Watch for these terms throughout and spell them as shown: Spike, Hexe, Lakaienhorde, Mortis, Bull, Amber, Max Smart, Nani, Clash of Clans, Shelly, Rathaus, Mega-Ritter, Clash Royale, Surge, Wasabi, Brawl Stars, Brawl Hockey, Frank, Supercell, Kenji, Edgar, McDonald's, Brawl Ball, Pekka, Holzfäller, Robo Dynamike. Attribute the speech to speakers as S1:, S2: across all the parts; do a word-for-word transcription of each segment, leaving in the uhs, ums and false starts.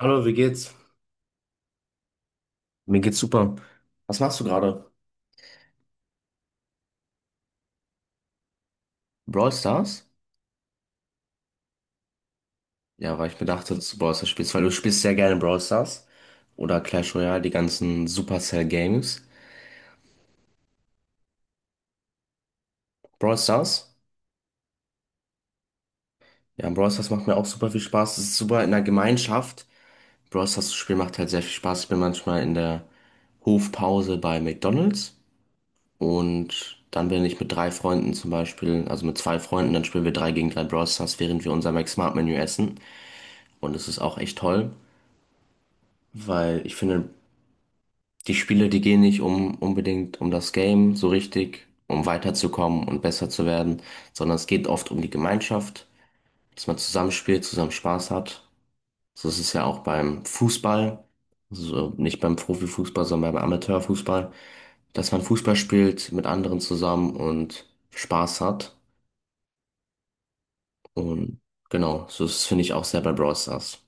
S1: Hallo, wie geht's? Mir geht's super. Was machst du gerade? Brawl Stars? Ja, weil ich mir dachte, dass du Brawl Stars spielst, weil du spielst sehr gerne Brawl Stars oder Clash Royale, die ganzen Supercell Games. Brawl Stars? Ja, Brawl Stars macht mir auch super viel Spaß. Es ist super in der Gemeinschaft. Brawl Stars zu spielen macht halt sehr viel Spaß. Ich bin manchmal in der Hofpause bei McDonald's und dann bin ich mit drei Freunden zum Beispiel, also mit zwei Freunden, dann spielen wir drei gegen drei Brawl Stars, während wir unser Max Smart Menü essen. Und es ist auch echt toll. weil ich finde, die Spiele, die gehen nicht um unbedingt um das Game so richtig, um weiterzukommen und besser zu werden, sondern es geht oft um die Gemeinschaft, dass man zusammenspielt, zusammen Spaß hat. So ist es ja auch beim Fußball, also nicht beim Profifußball, sondern beim Amateurfußball, dass man Fußball spielt mit anderen zusammen und Spaß hat. Und genau, so ist es, finde ich, auch sehr bei Brawl Stars.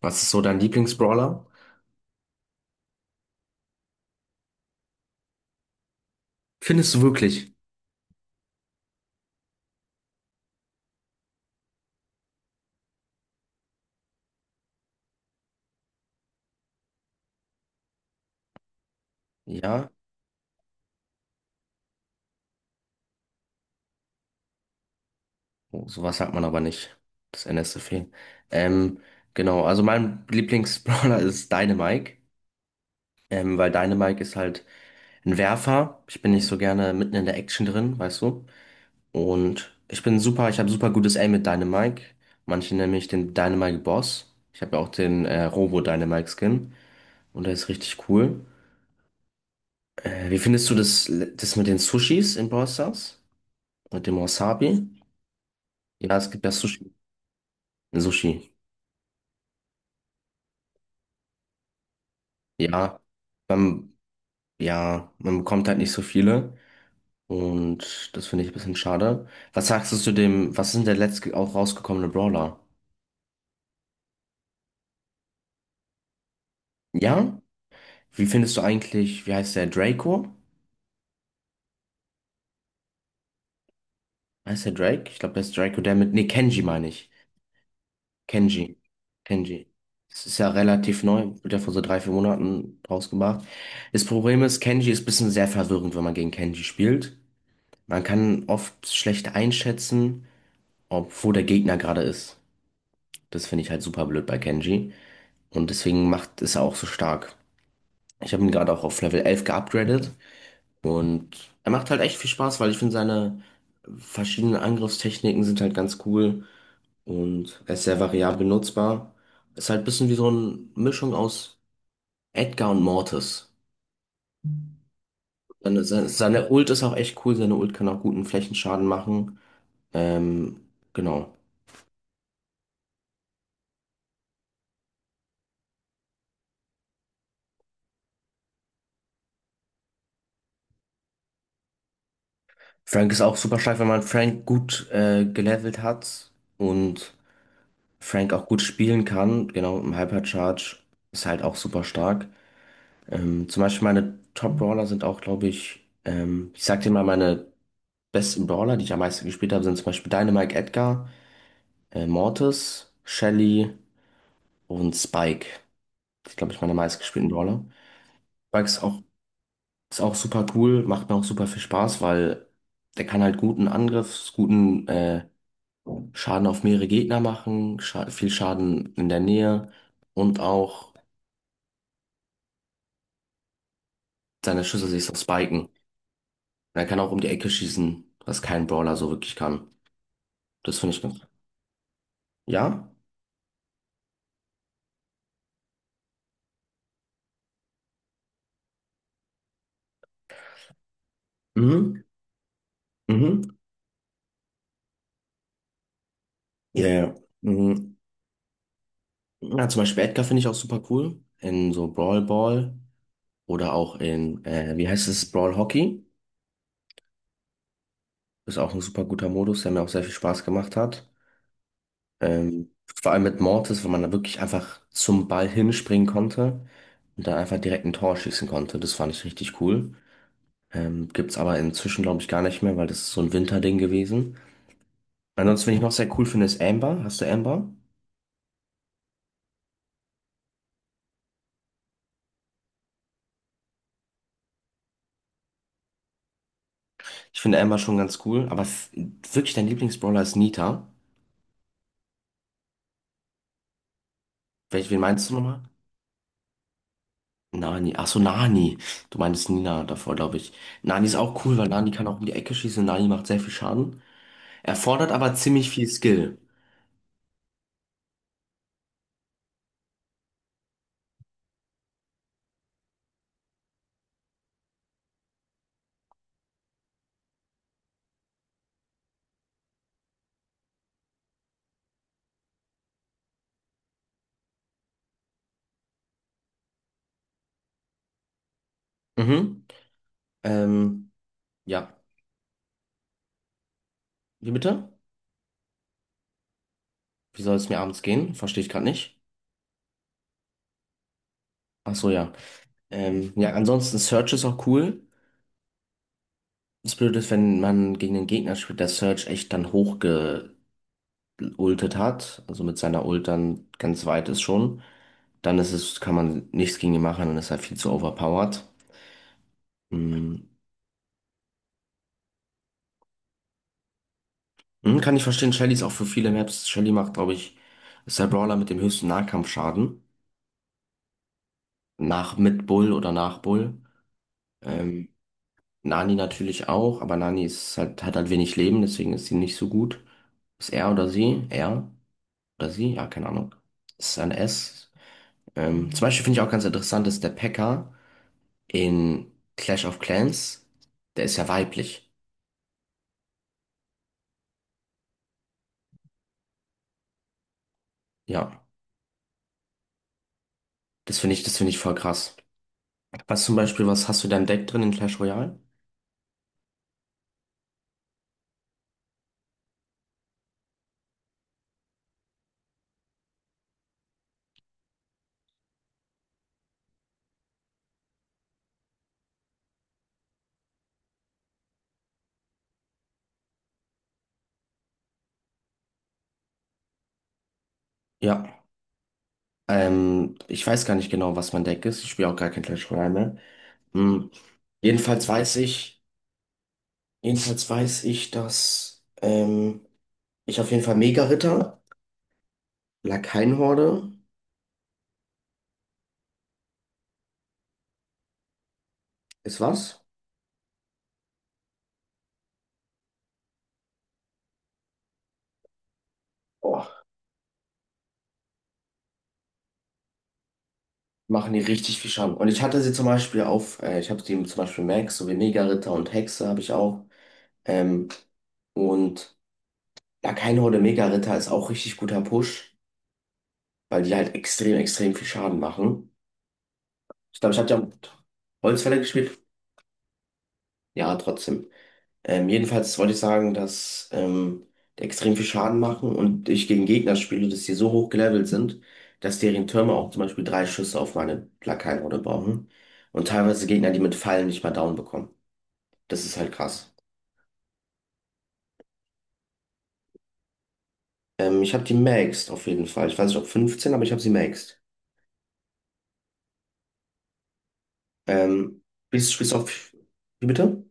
S1: Was ist so dein Lieblingsbrawler? Findest du wirklich? Ja, Oh, sowas hat man aber nicht. Das N S N S F E. Ähm, genau, also mein Lieblingsbrawler ist Dynamike. Ähm, weil Dynamike ist halt ein Werfer. Ich bin nicht so gerne mitten in der Action drin, weißt du? Und ich bin super, ich habe super gutes Aim mit Dynamike. Manche nennen mich den Dynamike Boss. Ich habe ja auch den äh, Robo Dynamike Skin. Und der ist richtig cool. Äh, wie findest du das, das mit den Sushis in Brawl Stars? Mit dem Wasabi? Ja, es gibt ja Sushi. Sushi. Ja. Beim, ja, man bekommt halt nicht so viele. Und das finde ich ein bisschen schade. Was sagst du zu dem, was ist denn der letzte auch rausgekommene Brawler? Ja? Wie findest du eigentlich, wie heißt der, Draco? Heißt der Drake? Ich glaube, der ist Draco, der mit, nee, Kenji meine ich. Kenji. Kenji. Das ist ja relativ neu, wird ja vor so drei, vier Monaten rausgebracht. Das Problem ist, Kenji ist ein bisschen sehr verwirrend, wenn man gegen Kenji spielt. Man kann oft schlecht einschätzen, ob, wo der Gegner gerade ist. Das finde ich halt super blöd bei Kenji. Und deswegen macht es auch so stark. Ich habe ihn gerade auch auf Level elf geupgradet und er macht halt echt viel Spaß, weil ich finde, seine verschiedenen Angriffstechniken sind halt ganz cool und er ist sehr variabel nutzbar. Ist halt ein bisschen wie so eine Mischung aus Edgar und Mortis. Seine, seine, seine Ult ist auch echt cool, seine Ult kann auch guten Flächenschaden machen. Ähm, genau. Frank ist auch super stark, wenn man Frank gut äh, gelevelt hat und Frank auch gut spielen kann, genau, im Hypercharge ist halt auch super stark. Ähm, zum Beispiel meine Top-Brawler sind auch, glaube ich, ähm, ich sag dir mal, meine besten Brawler, die ich am meisten gespielt habe, sind zum Beispiel Dynamite Edgar, äh, Mortis, Shelly und Spike. Das sind, glaube ich, meine meistgespielten Brawler. Spike ist auch, ist auch super cool, macht mir auch super viel Spaß, weil der kann halt guten Angriff, guten äh, Schaden auf mehrere Gegner machen, scha viel Schaden in der Nähe und auch seine Schüsse sich so spiken. Er kann auch um die Ecke schießen, was kein Brawler so wirklich kann. Das finde ich ganz. Ja? Mhm. Mhm. Ja, ja. Mhm. Ja, zum Beispiel Edgar finde ich auch super cool. In so Brawl Ball oder auch in, äh, wie heißt es, Brawl Hockey. Ist auch ein super guter Modus, der mir auch sehr viel Spaß gemacht hat. Ähm, vor allem mit Mortis, wo man da wirklich einfach zum Ball hinspringen konnte und dann einfach direkt ein Tor schießen konnte. Das fand ich richtig cool. Ähm, gibt's aber inzwischen, glaube ich, gar nicht mehr, weil das ist so ein Winterding gewesen. Ansonsten, wen ich noch sehr cool finde, ist Amber. Hast du Amber? Ich finde Amber schon ganz cool, aber f- wirklich dein Lieblingsbrawler ist Nita. Welch, wen meinst du nochmal? Nani. Achso, Nani. Du meinst Nina davor, glaube ich. Nani ist auch cool, weil Nani kann auch um die Ecke schießen. Nani macht sehr viel Schaden. Erfordert aber ziemlich viel Skill. Mhm. Ähm, ja. Wie bitte? Wie soll es mir abends gehen? Verstehe ich gerade nicht. Ach so, ja. Ähm, ja, ansonsten Search ist auch cool. Das Blöde ist, wenn man gegen den Gegner spielt, der Surge echt dann hochgeultet hat, also mit seiner Ult dann ganz weit ist schon, dann ist es, kann man nichts gegen ihn machen, dann ist er viel zu overpowered. Mhm. Mhm, kann ich verstehen, Shelly ist auch für viele Maps. Shelly macht, glaube ich, ist der Brawler mit dem höchsten Nahkampfschaden. Nach mit Bull oder nach Bull. Ähm, Nani natürlich auch, aber Nani ist halt, hat halt wenig Leben, deswegen ist sie nicht so gut. Ist er oder sie? Er oder sie? Ja, keine Ahnung. Ist ein S. Ähm, zum Beispiel finde ich auch ganz interessant, dass der Pekka in Clash of Clans, der ist ja weiblich. Ja, das finde ich, das finde ich voll krass. Was zum Beispiel, was hast du dein Deck drin in Clash Royale? Ja, ähm, ich weiß gar nicht genau, was mein Deck ist. Ich spiele auch gar kein Clash Royale mehr. Hm. Jedenfalls weiß ich, jedenfalls weiß ich, dass ähm, ich auf jeden Fall Mega-Ritter, Lakaienhorde, ist was? Oh, machen die richtig viel Schaden. Und ich hatte sie zum Beispiel auf, äh, ich habe die zum Beispiel Max, sowie Mega-Ritter und Hexe habe ich auch. Ähm, und ja, kein Horde Mega-Ritter ist auch richtig guter Push, weil die halt extrem, extrem viel Schaden machen. Ich glaube, ich hatte ja mit Holzfäller gespielt. Ja, trotzdem. Ähm, jedenfalls wollte ich sagen, dass ähm, die extrem viel Schaden machen und ich gegen Gegner spiele, dass die so hoch gelevelt sind, dass deren Türme auch zum Beispiel drei Schüsse auf meine Plakatroute brauchen. Und teilweise Gegner, die mit Fallen nicht mal down bekommen. Das ist halt krass. Ähm, ich habe die maxed auf jeden Fall. Ich weiß nicht, ob fünfzehn, aber ich habe sie maxed. Ähm, spielst, spielst du auf. Wie bitte?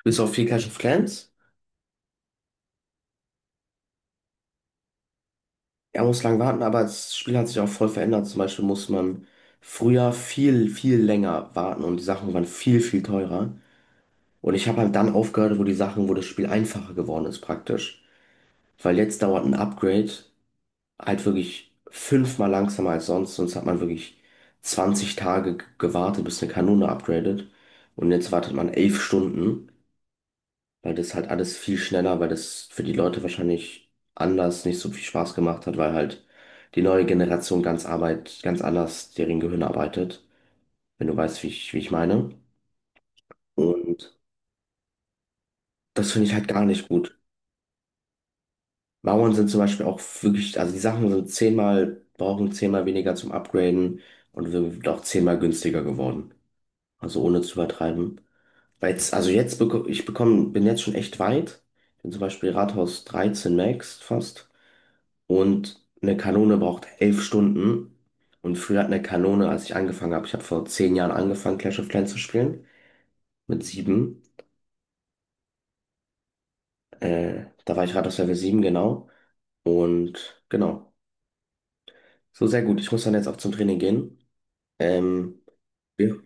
S1: Spielst du auf viel Clash of Clans? Ja, muss lang warten, aber das Spiel hat sich auch voll verändert. Zum Beispiel muss man früher viel, viel länger warten und die Sachen waren viel, viel teurer. Und ich habe halt dann aufgehört, wo die Sachen, wo das Spiel einfacher geworden ist, praktisch. Weil jetzt dauert ein Upgrade halt wirklich fünfmal langsamer als sonst. Sonst hat man wirklich zwanzig Tage g- gewartet, bis eine Kanone upgradet. Und jetzt wartet man elf Stunden, weil das halt alles viel schneller, weil das für die Leute wahrscheinlich anders nicht so viel Spaß gemacht hat, weil halt die neue Generation ganz Arbeit, ganz anders deren Gehirn arbeitet, wenn du weißt, wie ich, wie ich meine. Und das finde ich halt gar nicht gut. Mauern sind zum Beispiel auch wirklich, also die Sachen sind zehnmal, brauchen zehnmal weniger zum Upgraden und sind auch zehnmal günstiger geworden. Also ohne zu übertreiben. Weil jetzt, also jetzt bekomme ich bekomme, bin jetzt schon echt weit. Ich bin zum Beispiel Rathaus dreizehn Max fast. Und eine Kanone braucht elf Stunden. Und früher hat eine Kanone, als ich angefangen habe, ich habe vor zehn Jahren angefangen, Clash of Clans zu spielen. Mit sieben. Äh, da war ich Rathaus Level sieben genau. Und genau. So sehr gut. Ich muss dann jetzt auch zum Training gehen. Ähm, wir,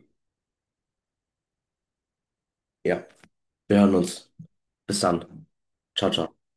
S1: ja, wir hören uns. Bis dann. Ciao, ciao.